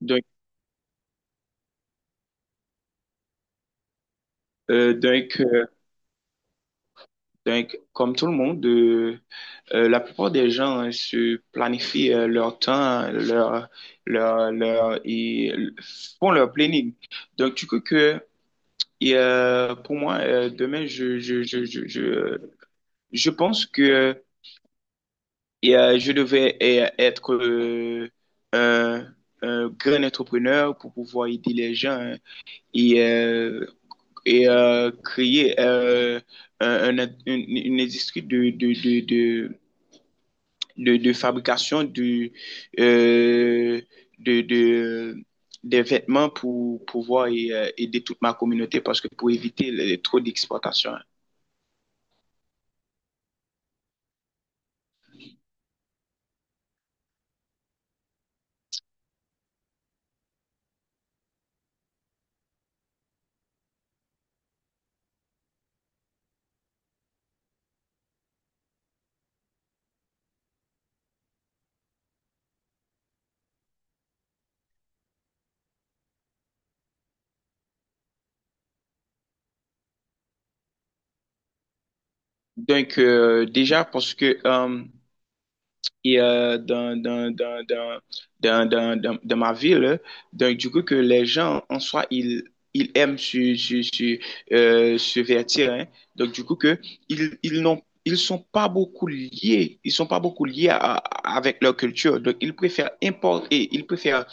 Donc, euh, donc, euh, donc, comme tout le monde, la plupart des gens, hein, se planifient, leur temps, et font leur planning. Donc, pour moi, demain, je pense que je devais être un, un grand entrepreneur pour pouvoir aider les gens, hein, et euh, et créer, une industrie de fabrication euh, de, de, des vêtements pour pouvoir aider toute ma communauté parce que pour éviter trop d'exportation. Donc, déjà, parce que et euh, dans, dans, dans, dans, dans ma ville. Donc, du coup, que les gens, en soi, ils aiment se vertir, hein. Donc, du coup, que ils sont pas beaucoup liés avec leur culture. Donc, ils préfèrent importer, ils préfèrent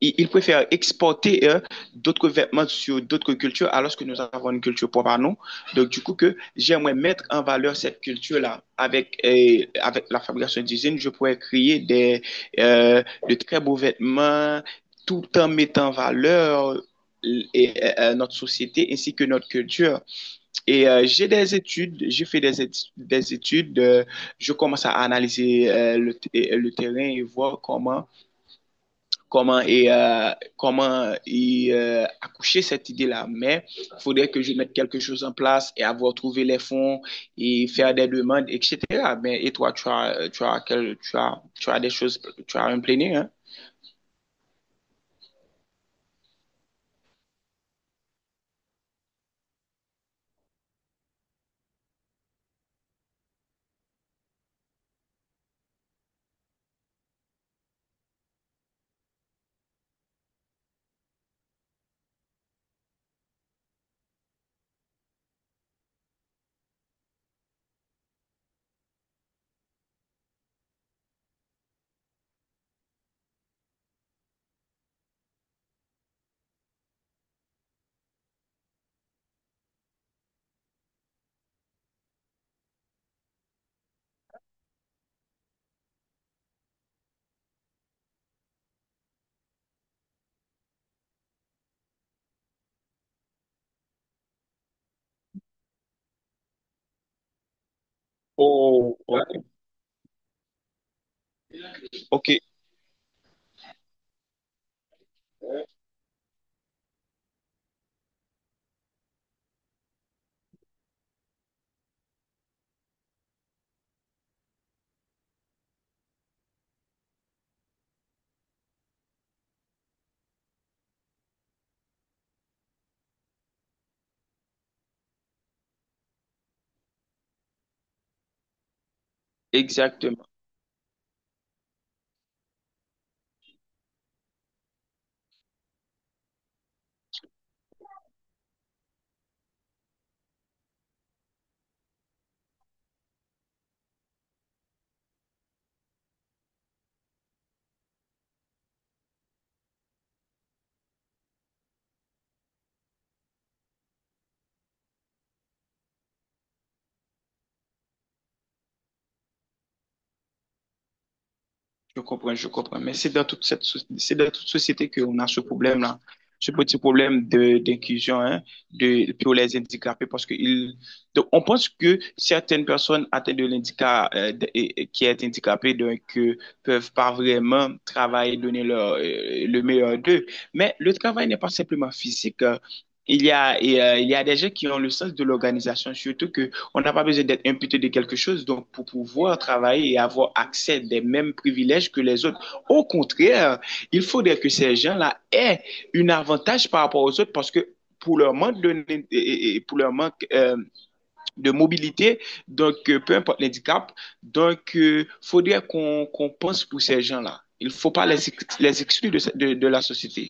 ils ils préfèrent exporter, d'autres vêtements sur d'autres cultures alors que nous avons une culture propre à nous. Donc, du coup, que j'aimerais mettre en valeur cette culture-là. Avec la fabrication d'usine, je pourrais créer de très beaux vêtements tout en mettant en valeur notre société ainsi que notre culture. Et j'ai des études, j'ai fait des études. Je commence à analyser, le terrain et voir comment accoucher cette idée-là. Mais il faudrait que je mette quelque chose en place et avoir trouvé les fonds et faire des demandes, etc. Mais, et toi, tu as des choses, tu as un planning, hein? Oh, OK. OK, exactement. Je comprends, je comprends. Mais c'est dans toute société qu'on a ce problème-là, ce petit problème d'inclusion, hein, pour les handicapés, parce que donc on pense que certaines personnes atteintes de l'handicap, qui est handicapée, donc, peuvent pas vraiment travailler, donner le meilleur d'eux. Mais le travail n'est pas simplement physique. Il y a des gens qui ont le sens de l'organisation, surtout que on n'a pas besoin d'être imputé de quelque chose donc pour pouvoir travailler et avoir accès des mêmes privilèges que les autres. Au contraire, il faudrait que ces gens-là aient un avantage par rapport aux autres parce que pour leur manque de, pour leur manque, de mobilité, donc peu importe l'handicap, donc il faudrait qu'on pense pour ces gens-là. Il ne faut pas les exclure de la société.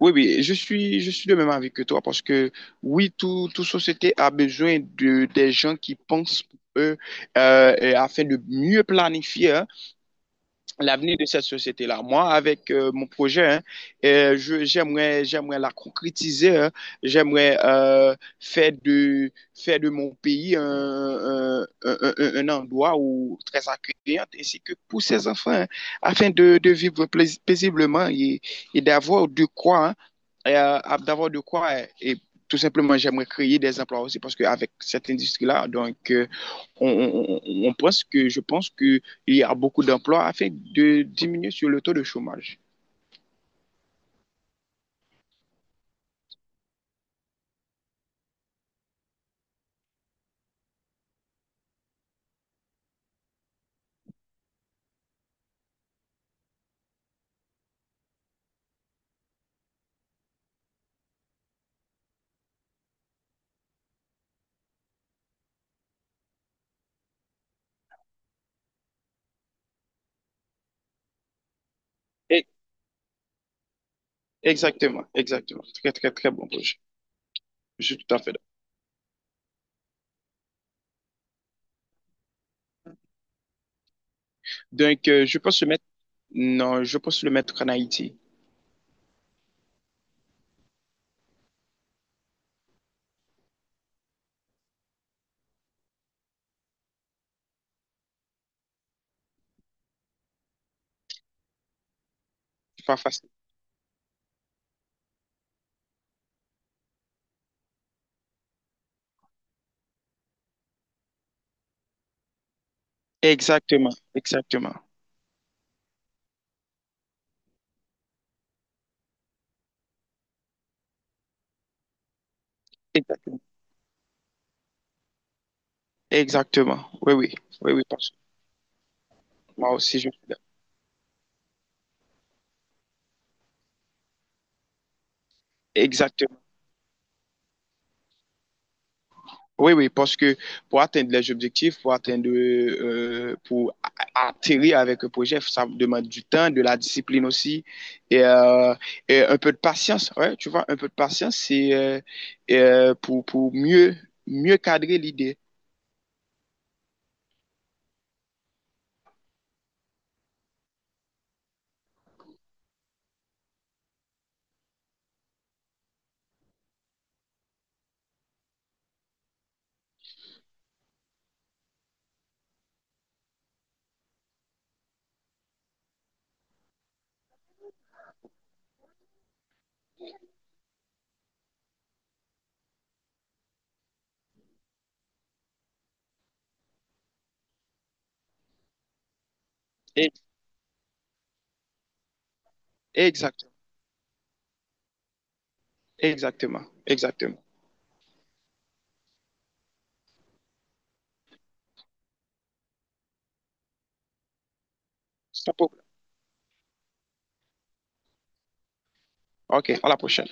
Oui, oui, je suis de même avis que toi parce que oui, toute société a besoin de des gens qui pensent pour eux, et afin de mieux planifier, hein, l'avenir de cette société-là. Moi, avec mon projet, hein, j'aimerais la concrétiser, hein. J'aimerais faire de mon pays un endroit où, très accueillant, ainsi que pour ses enfants, hein, afin de vivre paisiblement et d'avoir de quoi, hein, et, euh, d'avoir de quoi. Et, tout simplement, j'aimerais créer des emplois aussi parce qu'avec cette industrie-là, donc, je pense que il y a beaucoup d'emplois afin de diminuer sur le taux de chômage. Et Exactement, exactement. Très, très, très bon projet. Je suis tout à fait d'accord. Donc, je pense le mettre, non, je pense le mettre en Haïti. C'est pas facile. Exactement, exactement, exactement, exactement. Oui, oui, oui, oui, parce que moi aussi, je, exactement. Oui, oui, parce que pour atteindre les objectifs, pour atterrir avec un projet, ça demande du temps, de la discipline aussi, et, euh, et un peu de patience. Ouais, tu vois, un peu de patience, c'est pour mieux cadrer l'idée. Et- Exactement, exactement, exactement. Stop. OK, à la prochaine.